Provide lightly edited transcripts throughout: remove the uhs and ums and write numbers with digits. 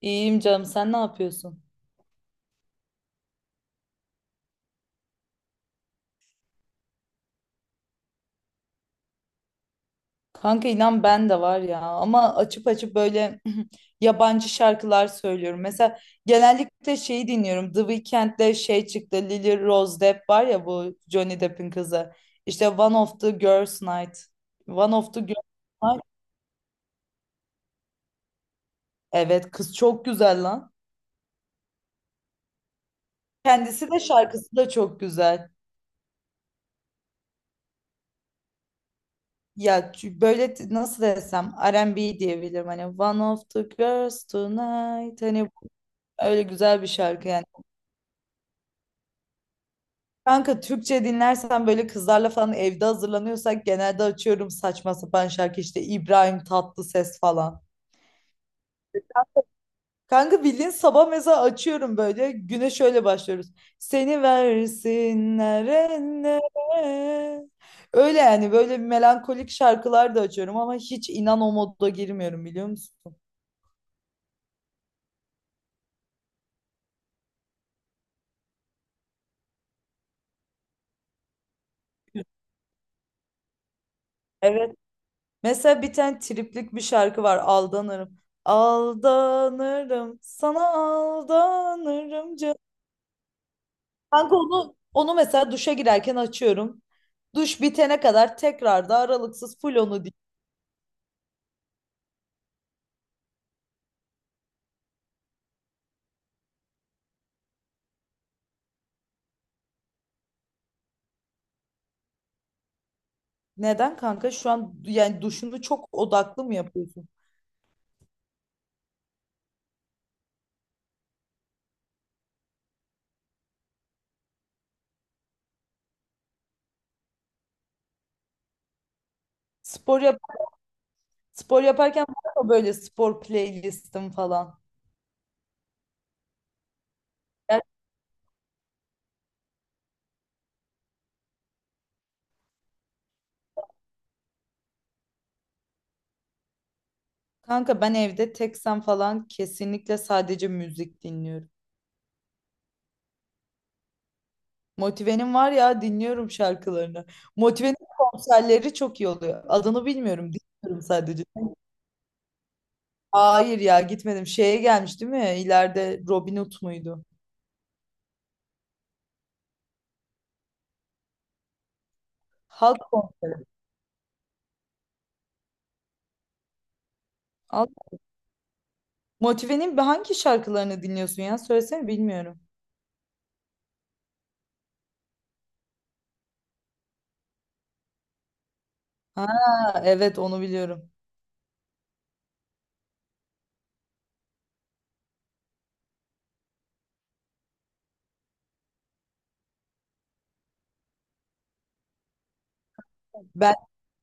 İyiyim canım, sen ne yapıyorsun? Kanka inan ben de var ya, ama açıp açıp böyle yabancı şarkılar söylüyorum. Mesela genellikle şeyi dinliyorum. The Weeknd'de şey çıktı, Lily Rose Depp var ya, bu Johnny Depp'in kızı. İşte One of the Girls Night. One of the Girls Night. Evet, kız çok güzel lan. Kendisi de şarkısı da çok güzel. Ya böyle nasıl desem, R&B diyebilirim, hani One of the Girls Tonight, hani öyle güzel bir şarkı yani. Kanka Türkçe dinlersen, böyle kızlarla falan evde hazırlanıyorsak genelde açıyorum saçma sapan şarkı, işte İbrahim Tatlıses falan. Kanka bildiğin sabah mesela açıyorum, böyle güne şöyle başlıyoruz. Seni versinler ellere. Öyle yani, böyle melankolik şarkılar da açıyorum ama hiç inan o moda girmiyorum, biliyor musun? Evet. Mesela bir tane triplik bir şarkı var, Aldanırım. Aldanırım sana, aldanırım canım. Kanka onu mesela duşa girerken açıyorum. Duş bitene kadar tekrar da aralıksız full onu. Neden kanka? Şu an yani duşunu çok odaklı mı yapıyorsun? Spor yap spor yaparken var mı böyle spor playlistim falan? Ya kanka, ben evde teksem falan kesinlikle sadece müzik dinliyorum. Motive'nin var ya, dinliyorum şarkılarını. Motive'nin konserleri çok iyi oluyor. Adını bilmiyorum, dinliyorum sadece. Hayır ya, gitmedim. Şeye gelmiş değil mi? İleride Robin Hood muydu? Halk kon- Halk- Motive'nin hangi şarkılarını dinliyorsun ya? Söylesene bilmiyorum. Ha, evet onu biliyorum. Ben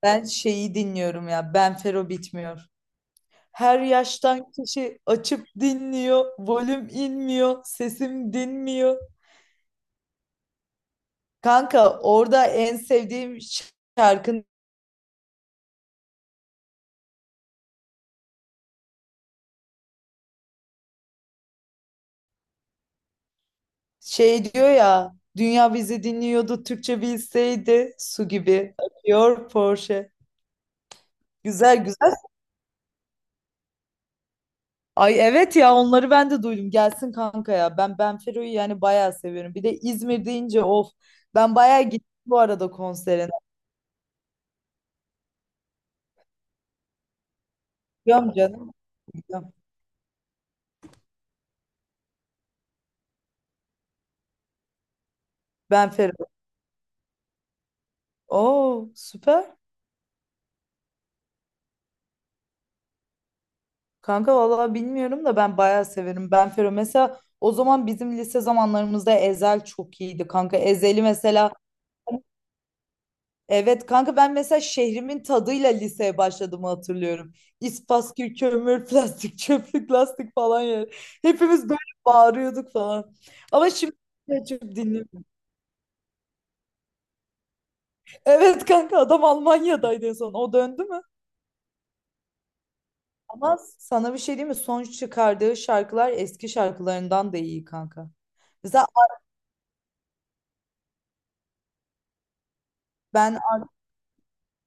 ben şeyi dinliyorum ya. Ben Fero bitmiyor. Her yaştan kişi açıp dinliyor. Volüm inmiyor. Sesim dinmiyor. Kanka orada en sevdiğim şarkın şey diyor ya: dünya bizi dinliyordu Türkçe bilseydi, su gibi akıyor Porsche. Güzel güzel. Ay evet ya, onları ben de duydum. Gelsin kanka ya. Ben Fero'yu yani bayağı seviyorum. Bir de İzmir deyince of. Ben bayağı gittim bu arada konserine. Biliyorum canım. Biliyorum. Ben Fero. Oo süper. Kanka vallahi bilmiyorum da, ben bayağı severim. Ben Fero mesela, o zaman bizim lise zamanlarımızda Ezel çok iyiydi kanka. Ezel'i mesela Evet kanka, ben mesela şehrimin tadıyla liseye başladığımı hatırlıyorum. İspaskül, kömür, plastik, çöplük, lastik falan yani. Hepimiz böyle bağırıyorduk falan. Ama şimdi açıp dinliyorum. Evet kanka, adam Almanya'daydı en son. O döndü mü? Ama sana bir şey diyeyim mi? Son çıkardığı şarkılar eski şarkılarından da iyi kanka. Mesela ben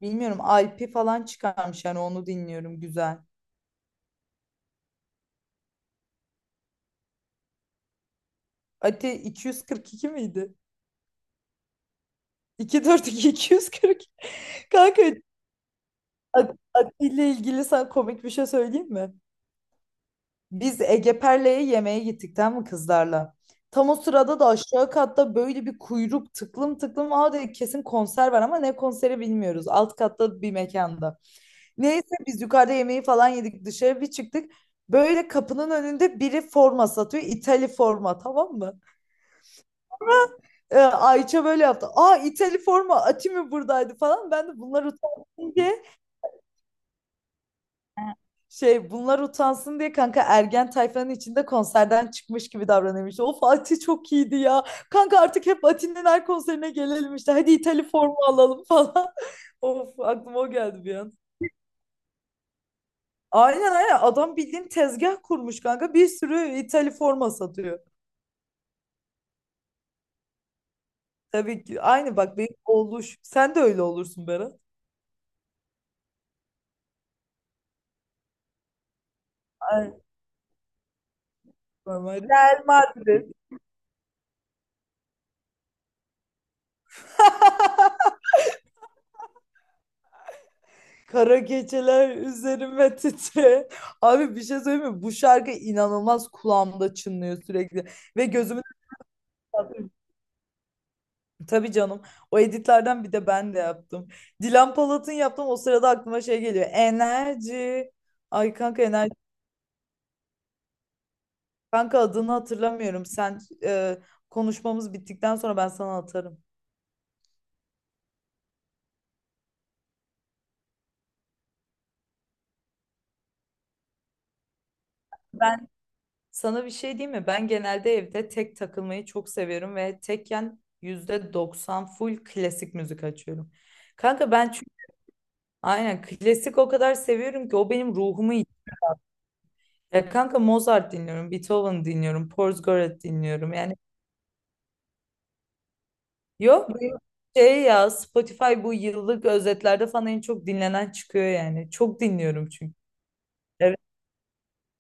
Bilmiyorum, Alp'i falan çıkarmış yani onu dinliyorum, güzel. Ati 242 miydi? 242 240. Kanka Atilla ile ilgili sana komik bir şey söyleyeyim mi? Biz Ege Perle'ye yemeğe gittik, tamam mı kızlarla? Tam o sırada da aşağı katta böyle bir kuyruk tıklım tıklım. Aa dedik kesin konser var, ama ne konseri bilmiyoruz. Alt katta bir mekanda. Neyse biz yukarıda yemeği falan yedik, dışarı bir çıktık. Böyle kapının önünde biri forma satıyor. İtali forma, tamam mı? Ayça böyle yaptı. Aa, İtali forma Atimi buradaydı falan. Ben de bunlar utansın diye şey bunlar utansın diye kanka, ergen tayfanın içinde konserden çıkmış gibi davranıyormuş. İşte, of Ati çok iyiydi ya. Kanka artık hep Ati'nin her konserine gelelim işte. Hadi İtali forma alalım falan. Of aklıma o geldi bir an. Aynen, aynen adam bildiğin tezgah kurmuş kanka. Bir sürü İtali forma satıyor. Tabii ki aynı bak benim oluş. Sen de öyle olursun Berat. Aynen. Normal. Real Madrid. Kara geceler üzerime titre. Abi bir şey söyleyeyim mi? Bu şarkı inanılmaz kulağımda çınlıyor sürekli. Ve gözümün tabii canım. O editlerden bir de ben de yaptım. Dilan Polat'ın yaptım. O sırada aklıma şey geliyor. Enerji. Ay kanka, enerji. Kanka adını hatırlamıyorum. Sen konuşmamız bittikten sonra ben sana atarım. Sana bir şey diyeyim mi? Ben genelde evde tek takılmayı çok seviyorum ve tekken %90 full klasik müzik açıyorum. Kanka ben çünkü aynen klasik o kadar seviyorum ki o benim ruhumu yiyor. Ya kanka, Mozart dinliyorum, Beethoven dinliyorum, Porzgorat dinliyorum. Yani yok, bu şey ya, Spotify bu yıllık özetlerde falan en çok dinlenen çıkıyor yani. Çok dinliyorum çünkü.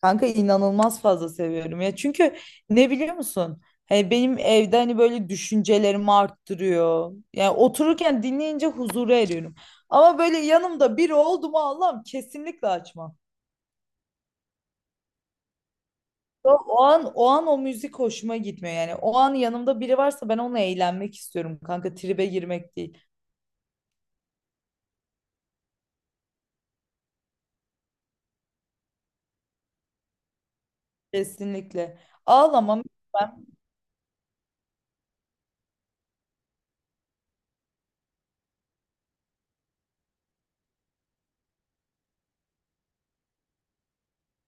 Kanka inanılmaz fazla seviyorum ya. Çünkü ne biliyor musun? Hani benim evde hani böyle düşüncelerimi arttırıyor. Yani otururken dinleyince huzura eriyorum. Ama böyle yanımda biri oldu mu Allah'ım, kesinlikle açmam. O an o müzik hoşuma gitmiyor yani. O an yanımda biri varsa ben onunla eğlenmek istiyorum kanka. Tribe girmek değil. Kesinlikle. Ağlamam.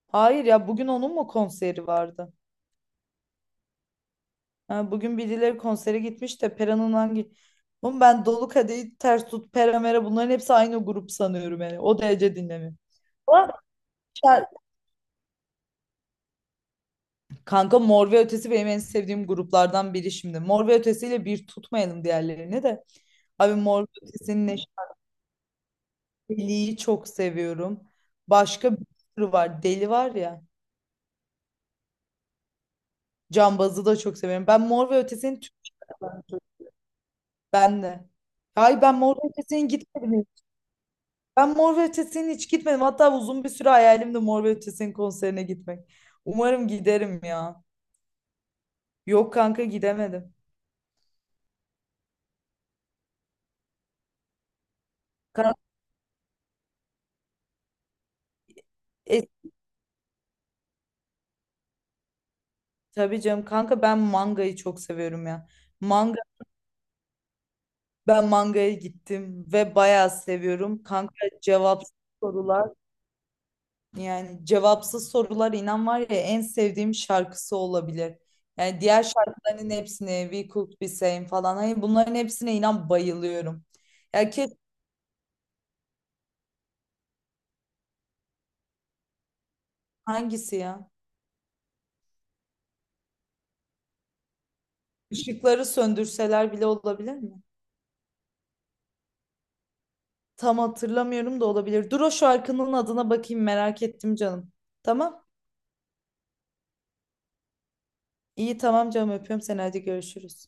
Hayır ya, bugün onun mu konseri vardı? Ha, bugün birileri konsere gitmiş de Pera'nın hangi... Oğlum ben Dolu Kadehi Ters Tut, Pera Mera, bunların hepsi aynı grup sanıyorum yani. O derece dinlemiyorum. Ama şar- Kanka Mor ve Ötesi benim en sevdiğim gruplardan biri şimdi. Mor ve Ötesi'yle bir tutmayalım diğerlerini de. Abi Mor ve Ötesi'nin Neşeli'yi çok seviyorum. Başka bir sürü var. Deli var ya. Cambazı da çok seviyorum. Ben Mor ve Ötesi'nin tüm... Ben de. Hayır ben Mor ve Ötesi'nin gitmedim. Ben Mor ve Ötesi'ne hiç gitmedim. Hatta uzun bir süre hayalim de Mor ve Ötesi'nin konserine gitmek. Umarım giderim ya. Yok kanka, gidemedim. Kanka, tabii canım kanka, ben mangayı çok seviyorum ya. Manga Ben mangaya gittim ve bayağı seviyorum. Kanka cevapsız sorular, yani cevapsız sorular inan var ya en sevdiğim şarkısı olabilir. Yani diğer şarkıların hepsine We Could Be Same falan. Hani bunların hepsine inan bayılıyorum. Ya keşke hangisi ya? Işıkları söndürseler bile olabilir mi? Tam hatırlamıyorum da olabilir. Dur o şarkının adına bakayım, merak ettim canım. Tamam. İyi tamam canım, öpüyorum seni, hadi görüşürüz.